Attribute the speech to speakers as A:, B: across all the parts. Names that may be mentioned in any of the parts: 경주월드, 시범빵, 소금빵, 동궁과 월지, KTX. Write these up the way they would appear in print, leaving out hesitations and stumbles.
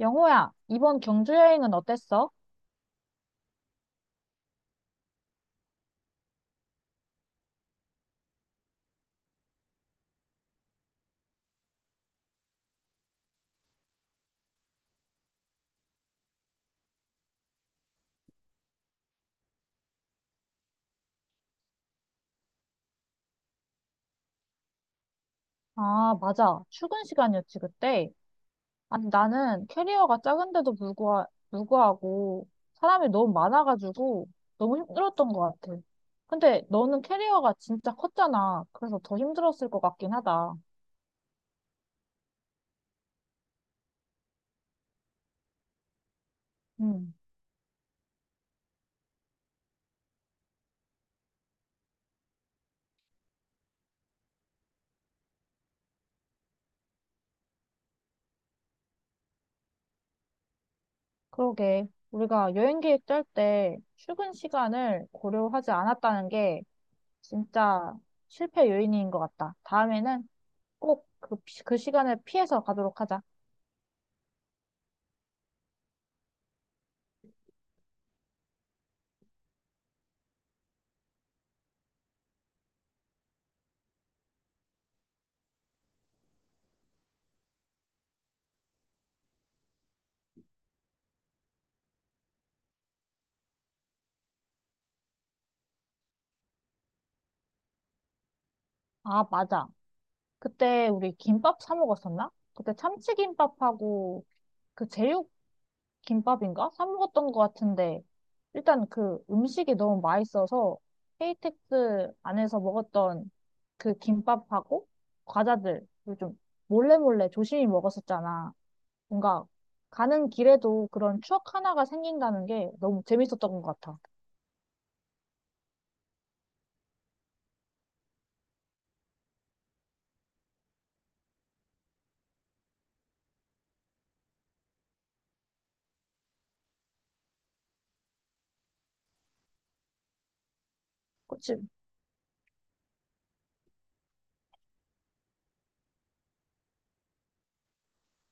A: 영호야, 이번 경주 여행은 어땠어? 아, 맞아. 출근 시간이었지, 그때. 아니, 나는 캐리어가 작은데도 불구하고 사람이 너무 많아가지고 너무 힘들었던 것 같아. 근데 너는 캐리어가 진짜 컸잖아. 그래서 더 힘들었을 것 같긴 하다. 음, 그러게. 우리가 여행 계획 짤 때 출근 시간을 고려하지 않았다는 게 진짜 실패 요인인 것 같다. 다음에는 꼭 그 시간을 피해서 가도록 하자. 아, 맞아. 그때 우리 김밥 사 먹었었나? 그때 참치김밥하고 그 제육김밥인가? 사 먹었던 것 같은데 일단 그 음식이 너무 맛있어서 KTX 안에서 먹었던 그 김밥하고 과자들을 좀 몰래몰래 조심히 먹었었잖아. 뭔가 가는 길에도 그런 추억 하나가 생긴다는 게 너무 재밌었던 것 같아. 그치?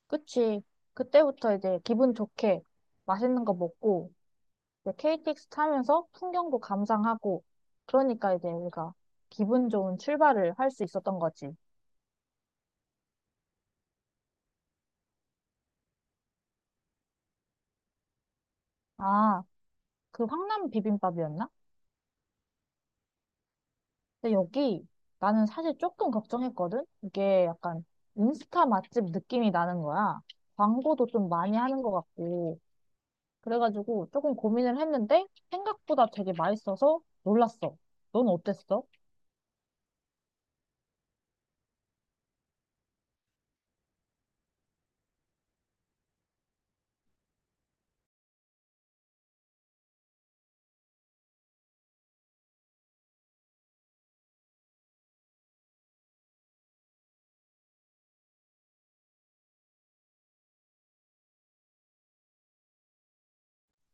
A: 그치? 그때부터 이제 기분 좋게 맛있는 거 먹고 이제 KTX 타면서 풍경도 감상하고, 그러니까 이제 우리가 기분 좋은 출발을 할 수 있었던 거지. 아, 그 황남 비빔밥이었나? 근데 여기 나는 사실 조금 걱정했거든? 이게 약간 인스타 맛집 느낌이 나는 거야. 광고도 좀 많이 하는 것 같고. 그래가지고 조금 고민을 했는데 생각보다 되게 맛있어서 놀랐어. 넌 어땠어?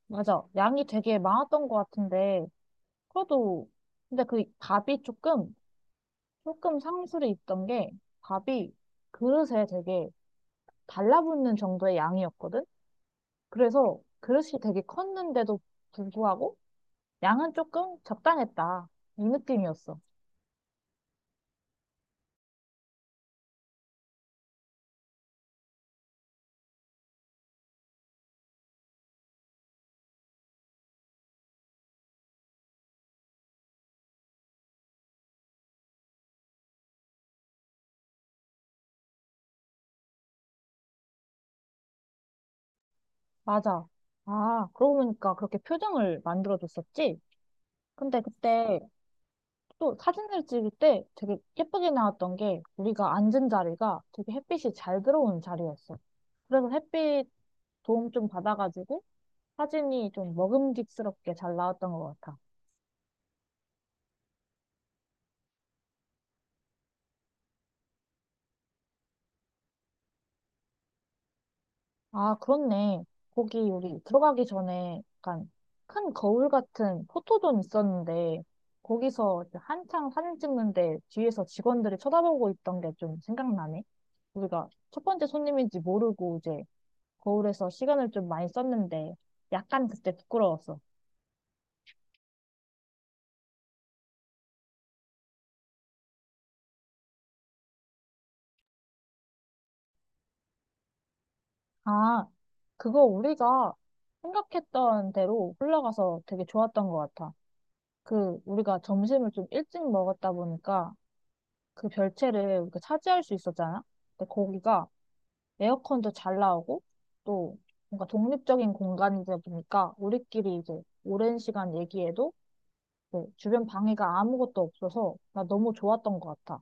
A: 맞아. 양이 되게 많았던 것 같은데, 그래도 근데 그 밥이 조금 조금 상술이 있던 게 밥이 그릇에 되게 달라붙는 정도의 양이었거든? 그래서 그릇이 되게 컸는데도 불구하고 양은 조금 적당했다. 이 느낌이었어. 맞아. 아, 그러고 보니까 그렇게 표정을 만들어줬었지? 근데 그때 또 사진을 찍을 때 되게 예쁘게 나왔던 게 우리가 앉은 자리가 되게 햇빛이 잘 들어오는 자리였어. 그래서 햇빛 도움 좀 받아가지고 사진이 좀 먹음직스럽게 잘 나왔던 것 같아. 아, 그렇네. 거기 우리 들어가기 전에 약간 큰 거울 같은 포토존 있었는데 거기서 이제 한창 사진 찍는데 뒤에서 직원들이 쳐다보고 있던 게 좀 생각나네. 우리가 첫 번째 손님인지 모르고 이제 거울에서 시간을 좀 많이 썼는데 약간 그때 부끄러웠어. 아, 그거 우리가 생각했던 대로 흘러가서 되게 좋았던 것 같아. 그 우리가 점심을 좀 일찍 먹었다 보니까 그 별채를 이렇게 차지할 수 있었잖아. 근데 거기가 에어컨도 잘 나오고 또 뭔가 독립적인 공간이다 보니까 우리끼리 이제 오랜 시간 얘기해도 이제 주변 방해가 아무것도 없어서 나 너무 좋았던 것 같아.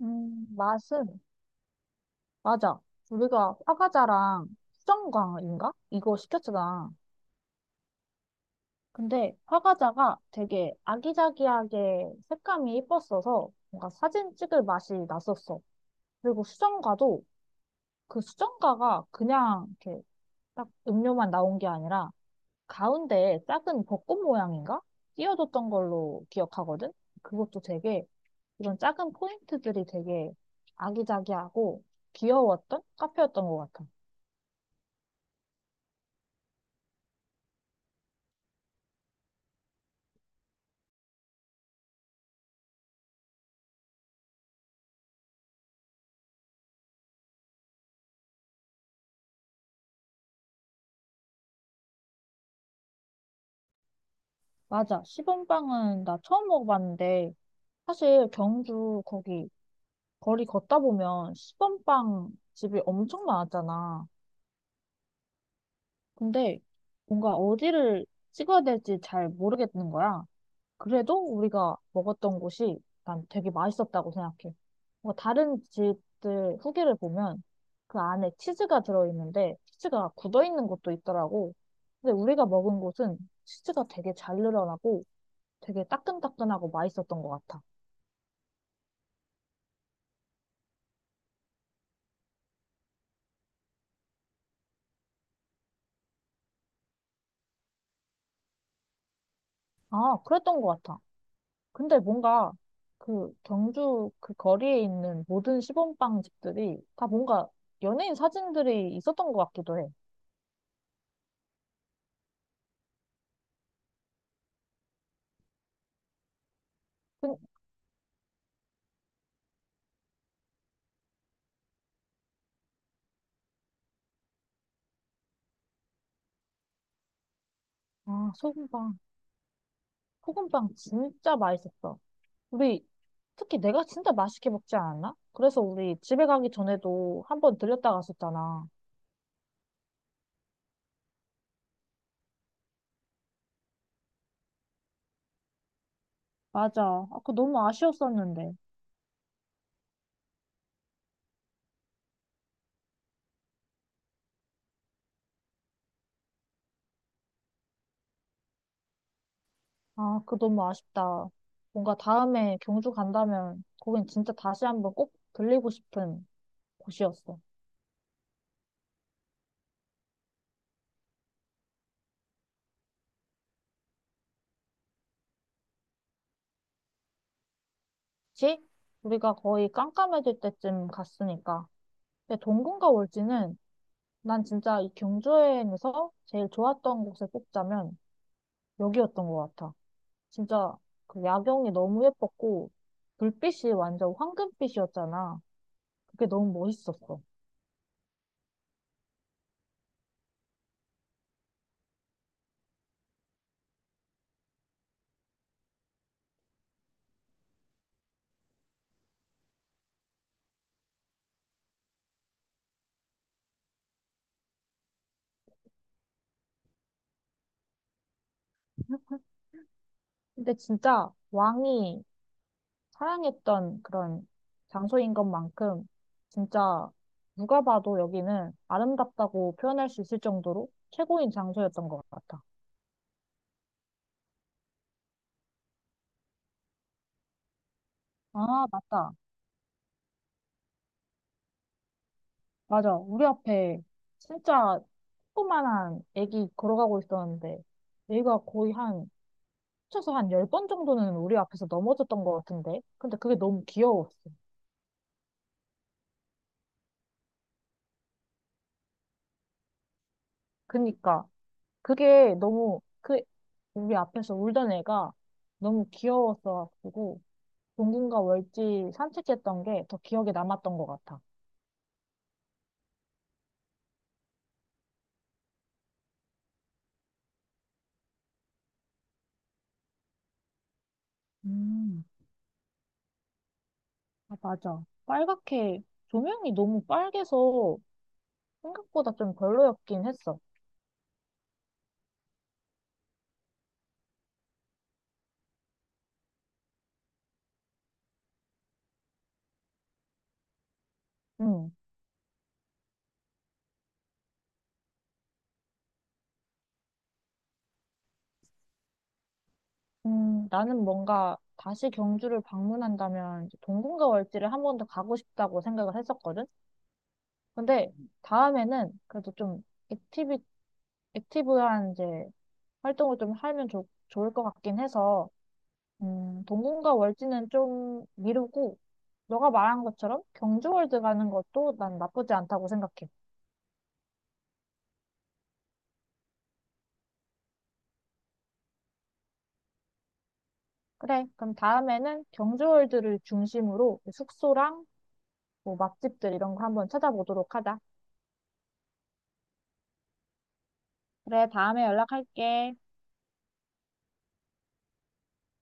A: 맛은 맞아. 우리가 화과자랑 수정과인가? 이거 시켰잖아. 근데 화과자가 되게 아기자기하게 색감이 예뻤어서 뭔가 사진 찍을 맛이 났었어. 그리고 수정과도 그 수정가가 그냥 이렇게 딱 음료만 나온 게 아니라 가운데에 작은 벚꽃 모양인가? 띄워줬던 걸로 기억하거든? 그것도 되게 이런 작은 포인트들이 되게 아기자기하고 귀여웠던 카페였던 것 같아. 맞아. 시범빵은 나 처음 먹어봤는데 사실 경주 거기 거리 걷다 보면 시범빵 집이 엄청 많았잖아. 근데 뭔가 어디를 찍어야 될지 잘 모르겠는 거야. 그래도 우리가 먹었던 곳이 난 되게 맛있었다고 생각해. 뭐 다른 집들 후기를 보면 그 안에 치즈가 들어있는데 치즈가 굳어있는 곳도 있더라고. 근데 우리가 먹은 곳은 치즈가 되게 잘 늘어나고 되게 따끈따끈하고 맛있었던 것 같아. 아, 그랬던 것 같아. 근데 뭔가 그 경주 그 거리에 있는 모든 시범빵 집들이 다 뭔가 연예인 사진들이 있었던 것 같기도 해. 근- 아, 소금빵. 소금빵 진짜 맛있었어. 우리 특히 내가 진짜 맛있게 먹지 않았나? 그래서 우리 집에 가기 전에도 한번 들렸다 갔었잖아. 맞아. 아, 그거 너무 아쉬웠었는데. 아, 그거 너무 아쉽다. 뭔가 다음에 경주 간다면 거긴 진짜 다시 한번 꼭 들리고 싶은 곳이었어. 그치? 우리가 거의 깜깜해질 때쯤 갔으니까. 근데 동궁과 월지는 난 진짜 이 경주 여행에서 제일 좋았던 곳을 꼽자면 여기였던 것 같아. 진짜 그 야경이 너무 예뻤고 불빛이 완전 황금빛이었잖아. 그게 너무 멋있었어. 근데 진짜 왕이 사랑했던 그런 장소인 것만큼 진짜 누가 봐도 여기는 아름답다고 표현할 수 있을 정도로 최고인 장소였던 것 같아. 아, 맞다. 맞아. 우리 앞에 진짜 조그만한 애기 걸어가고 있었는데 얘가 거의 한 합쳐서 한 10번 정도는 우리 앞에서 넘어졌던 것 같은데. 근데 그게 너무 귀여웠어. 그니까. 그게 너무, 그, 우리 앞에서 울던 애가 너무 귀여웠어가지고, 동궁과 월지 산책했던 게 더 기억에 남았던 것 같아. 음, 아, 맞아. 빨갛게, 조명이 너무 빨개서 생각보다 좀 별로였긴 했어. 음 나는 뭔가 다시 경주를 방문한다면 이제 동궁과 월지를 한 번 더 가고 싶다고 생각을 했었거든? 근데 다음에는 그래도 좀 액티비, 액티브한 이제 활동을 좀 하면 좋을 것 같긴 해서, 동궁과 월지는 좀 미루고, 너가 말한 것처럼 경주월드 가는 것도 난 나쁘지 않다고 생각해. 그래, 그럼 다음에는 경주월드를 중심으로 숙소랑 뭐 맛집들 이런 거 한번 찾아보도록 하자. 그래, 다음에 연락할게.